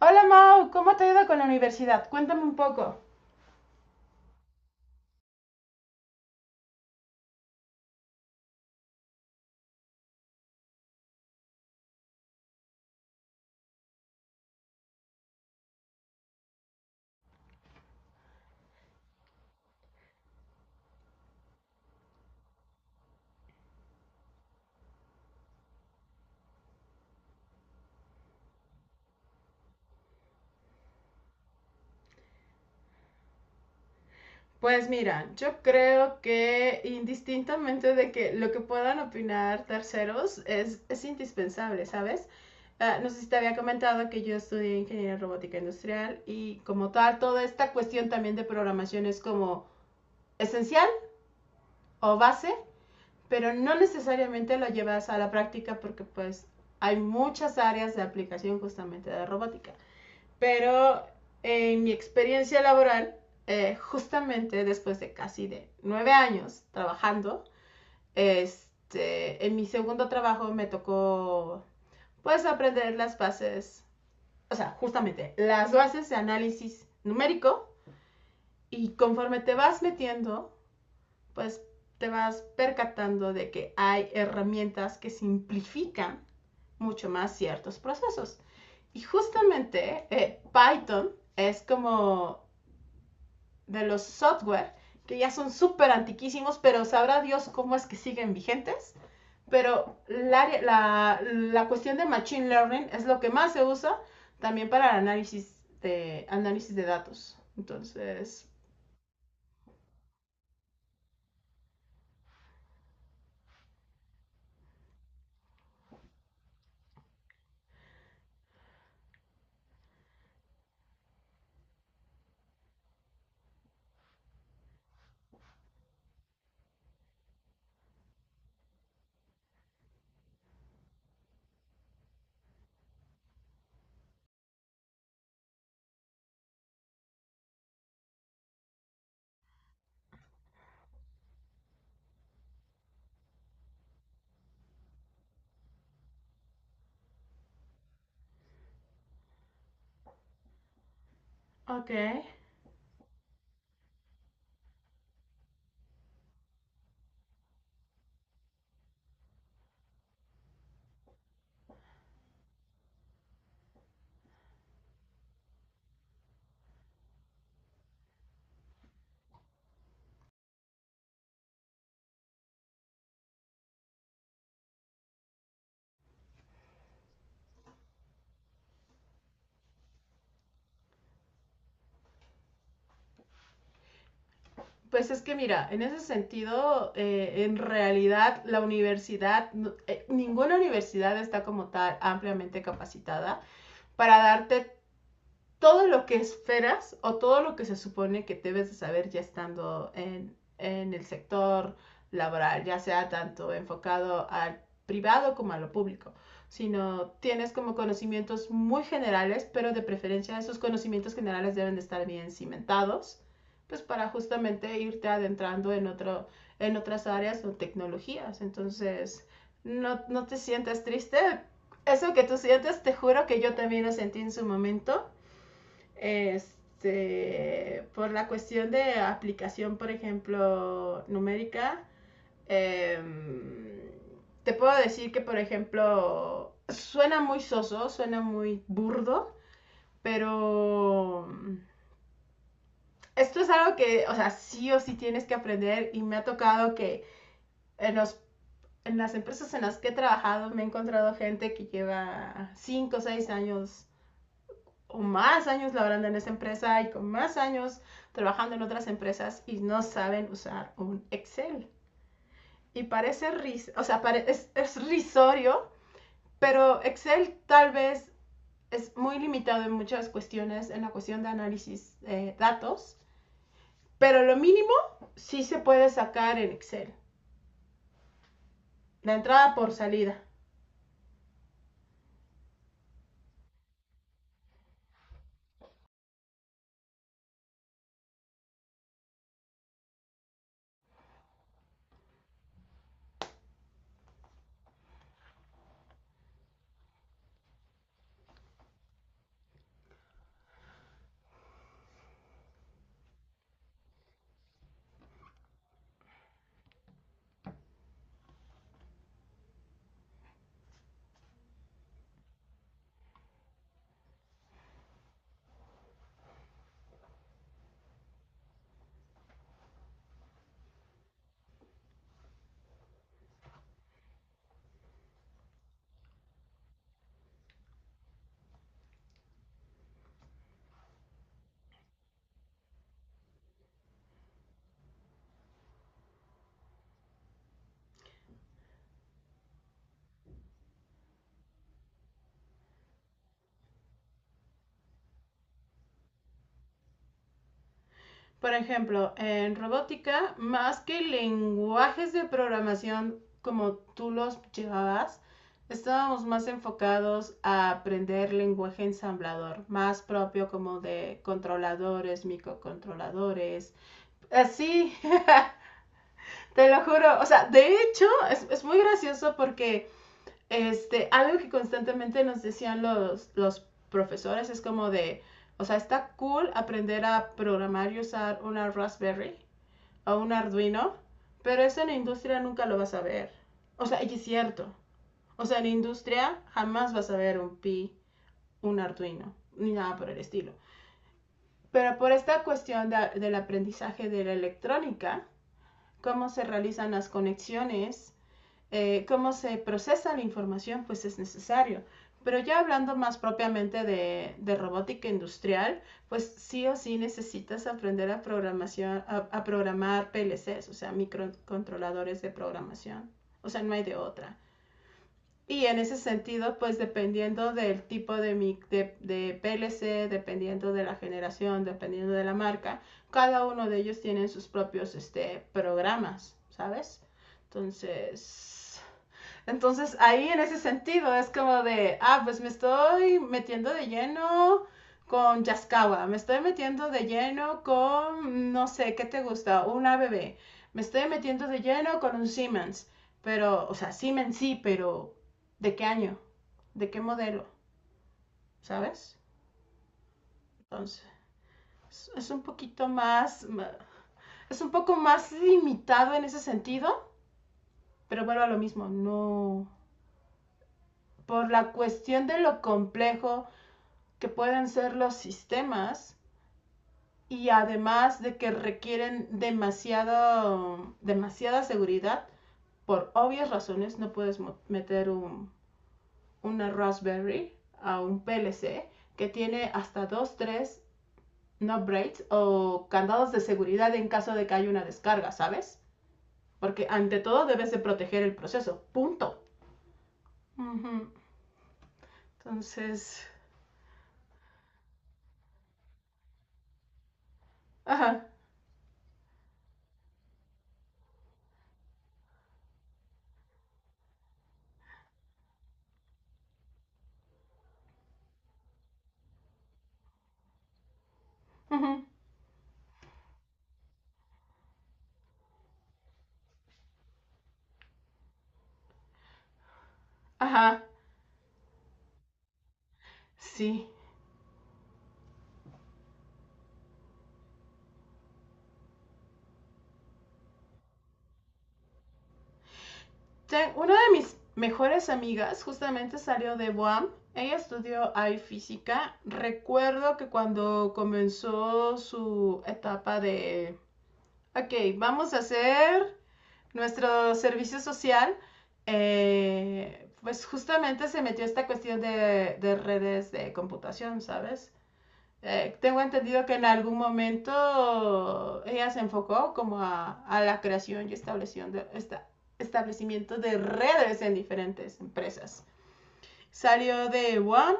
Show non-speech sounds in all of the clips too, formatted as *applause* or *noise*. Hola Mau, ¿cómo te ha ido con la universidad? Cuéntame un poco. Pues mira, yo creo que indistintamente de que lo que puedan opinar terceros es indispensable, ¿sabes? Ah, no sé si te había comentado que yo estudié ingeniería robótica industrial y como tal, toda esta cuestión también de programación es como esencial o base, pero no necesariamente lo llevas a la práctica porque pues hay muchas áreas de aplicación justamente de robótica. Pero en mi experiencia laboral, justamente después de casi de 9 años trabajando, este, en mi segundo trabajo me tocó, pues, aprender las bases, o sea, justamente las bases de análisis numérico y conforme te vas metiendo, pues, te vas percatando de que hay herramientas que simplifican mucho más ciertos procesos. Y justamente Python es como de los software, que ya son súper antiquísimos, pero sabrá Dios cómo es que siguen vigentes. Pero la cuestión de Machine Learning es lo que más se usa también para el análisis de datos. Entonces, ok. Pues es que mira, en ese sentido, en realidad la universidad, ninguna universidad está como tal ampliamente capacitada para darte todo lo que esperas o todo lo que se supone que debes de saber ya estando en el sector laboral, ya sea tanto enfocado al privado como a lo público, sino tienes como conocimientos muy generales, pero de preferencia esos conocimientos generales deben de estar bien cimentados, pues para justamente irte adentrando en otras áreas o tecnologías. Entonces, no, no te sientas triste. Eso que tú sientes, te juro que yo también lo sentí en su momento. Este, por la cuestión de aplicación, por ejemplo, numérica, eh, te puedo decir que, por ejemplo, suena muy soso, suena muy burdo, pero esto es algo que, o sea, sí o sí tienes que aprender y me ha tocado que en, los, en las empresas en las que he trabajado me he encontrado gente que lleva 5 o 6 años o más años laborando en esa empresa y con más años trabajando en otras empresas y no saben usar un Excel. Y parece, ris o sea, es risorio, pero Excel tal vez es muy limitado en muchas cuestiones, en la cuestión de análisis de datos, pero lo mínimo sí se puede sacar en Excel, la entrada por salida. Por ejemplo, en robótica, más que lenguajes de programación como tú los llevabas, estábamos más enfocados a aprender lenguaje ensamblador, más propio como de controladores, microcontroladores. Así, *laughs* te lo juro. O sea, de hecho, es muy gracioso porque este, algo que constantemente nos decían los profesores es como de, o sea, está cool aprender a programar y usar una Raspberry o un Arduino, pero eso en la industria nunca lo vas a ver. O sea, y es cierto. O sea, en la industria jamás vas a ver un Pi, un Arduino, ni nada por el estilo. Pero por esta cuestión del aprendizaje de la electrónica, cómo se realizan las conexiones, cómo se procesa la información, pues es necesario. Pero ya hablando más propiamente de robótica industrial, pues sí o sí necesitas aprender a, programación, a, programar PLCs, o sea, microcontroladores de programación. O sea, no hay de otra. Y en ese sentido, pues dependiendo del tipo de PLC, dependiendo de la generación, dependiendo de la marca, cada uno de ellos tiene sus propios este, programas, ¿sabes? Entonces, entonces ahí en ese sentido es como de, ah, pues me estoy metiendo de lleno con Yaskawa, me estoy metiendo de lleno con, no sé, ¿qué te gusta? Una bebé, me estoy metiendo de lleno con un Siemens, pero, o sea, Siemens sí, pero ¿de qué año? ¿De qué modelo? ¿Sabes? Entonces, es- un poquito más, es un poco más limitado en ese sentido, pero vuelvo a lo mismo, no, por la cuestión de lo complejo que pueden ser los sistemas y además de que requieren demasiada seguridad, por obvias razones no puedes meter una Raspberry a un PLC que tiene hasta 2 3 no braids o candados de seguridad en caso de que haya una descarga, ¿sabes? Porque ante todo debes de proteger el proceso, punto. Uh -huh. Entonces, ajá, uh -huh. Ajá, sí. Una de mis mejores amigas justamente salió de Guam. Ella estudió ahí física. Recuerdo que cuando comenzó su etapa de, ok, vamos a hacer nuestro servicio social, pues justamente se metió esta cuestión de redes de computación, ¿sabes? Tengo entendido que en algún momento ella se enfocó como a la creación y establecimiento establecimiento de redes en diferentes empresas. Salió de One,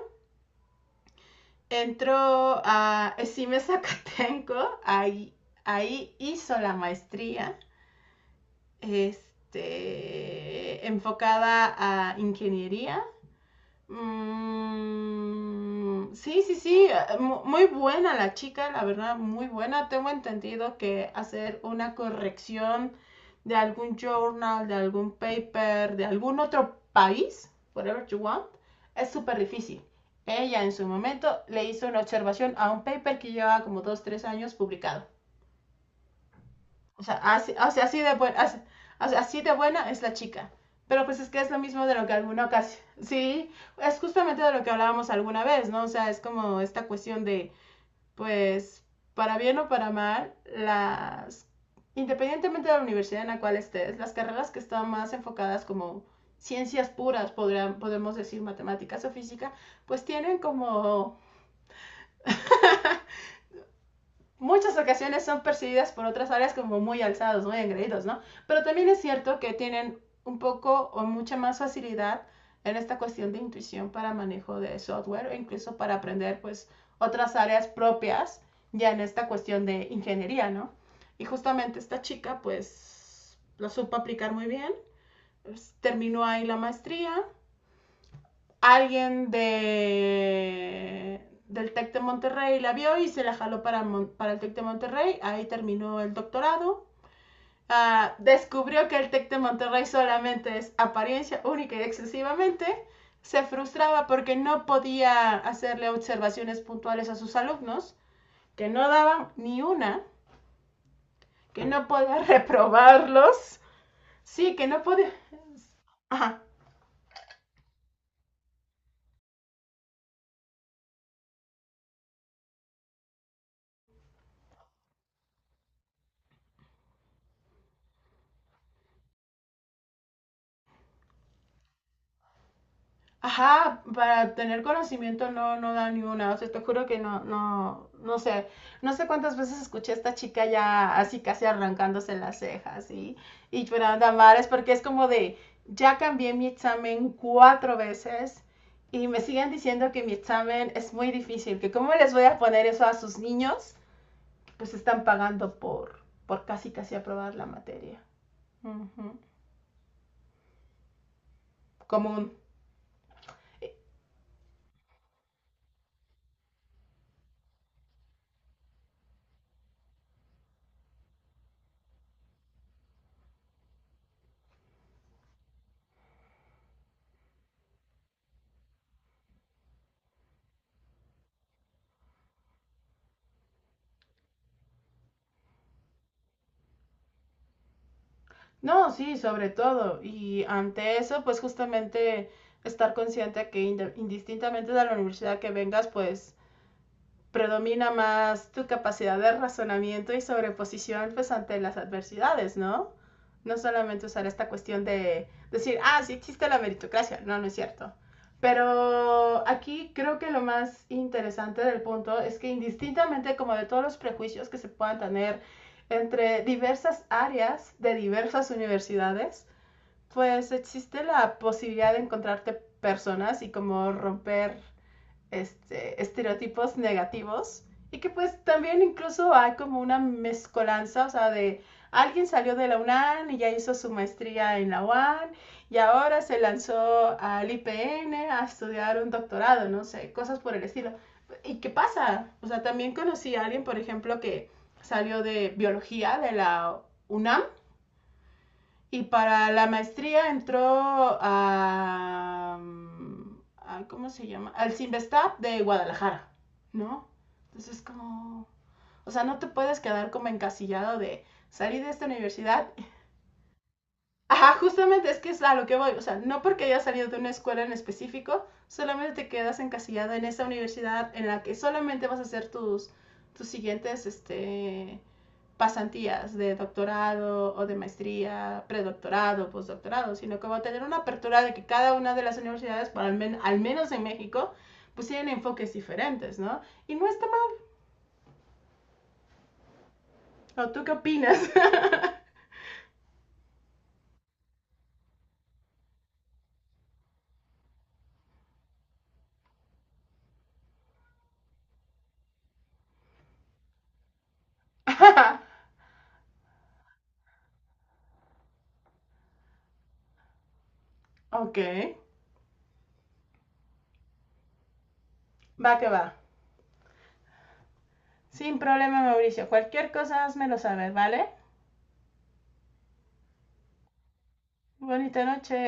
entró a Esime Zacatenco, ahí hizo la maestría este, enfocada a ingeniería. Mm, sí, sí, sí, muy buena la chica, la verdad, muy buena. Tengo entendido que hacer una corrección de algún journal, de algún paper, de algún otro país, whatever you want, es súper difícil. Ella en su momento le hizo una observación a un paper que llevaba como 2, 3 años publicado. O sea, así de buena, así, o sea, así de buena es la chica. Pero pues es que es lo mismo de lo que alguna ocasión, sí, es justamente de lo que hablábamos alguna vez, ¿no? O sea, es como esta cuestión de, pues, para bien o para mal, independientemente de la universidad en la cual estés, las carreras que están más enfocadas como ciencias puras, podemos decir matemáticas o física, pues tienen como muchas ocasiones son percibidas por otras áreas como muy alzados, muy engreídos, ¿no? Pero también es cierto que tienen un poco o mucha más facilidad en esta cuestión de intuición para manejo de software o incluso para aprender pues otras áreas propias ya en esta cuestión de ingeniería, ¿no? Y justamente esta chica pues lo supo aplicar muy bien, pues, terminó ahí la maestría, alguien de del TEC de Monterrey la vio y se la jaló para el TEC de Monterrey, ahí terminó el doctorado. Ah, descubrió que el TEC de Monterrey solamente es apariencia única y exclusivamente. Se frustraba porque no podía hacerle observaciones puntuales a sus alumnos, que no daban ni una, que no podía *laughs* reprobarlos. Sí, que no podía... Ajá. Ajá, para tener conocimiento no, no da ninguna, o sea, te juro que no, no, no sé, no sé cuántas veces escuché a esta chica ya así casi arrancándose las cejas, y llorando a mares, porque es como de, ya cambié mi examen 4 veces y me siguen diciendo que mi examen es muy difícil, que cómo les voy a poner eso a sus niños, pues están pagando por casi casi aprobar la materia. Uh -huh. Común. No, sí, sobre todo. Y ante eso, pues justamente estar consciente que indistintamente de la universidad que vengas, pues predomina más tu capacidad de razonamiento y sobreposición pues ante las adversidades, ¿no? No solamente usar esta cuestión de decir, ah, sí existe la meritocracia, no, no es cierto. Pero aquí creo que lo más interesante del punto es que indistintamente como de todos los prejuicios que se puedan tener entre diversas áreas de diversas universidades, pues existe la posibilidad de encontrarte personas y como romper este, estereotipos negativos y que pues también incluso hay como una mezcolanza, o sea, de alguien salió de la UNAM y ya hizo su maestría en la UAN y ahora se lanzó al IPN a estudiar un doctorado, no sé, cosas por el estilo. ¿Y qué pasa? O sea, también conocí a alguien, por ejemplo, que salió de biología de la UNAM y para la maestría entró a ¿cómo se llama? Al Simvestab de Guadalajara, ¿no? Entonces como, o sea, no te puedes quedar como encasillado de salir de esta universidad. Ajá, justamente es que es a lo que voy, o sea, no porque hayas salido de una escuela en específico, solamente te quedas encasillado en esa universidad en la que solamente vas a hacer tus siguientes, este, pasantías de doctorado o de maestría, predoctorado, postdoctorado, sino que va a tener una apertura de que cada una de las universidades, por al, men al menos en México, pues tienen enfoques diferentes, ¿no? Y no está mal. ¿O tú qué opinas? *laughs* ok, va que va. Sin problema, Mauricio. Cualquier cosa, házmelo saber, ¿vale? Bonita noche.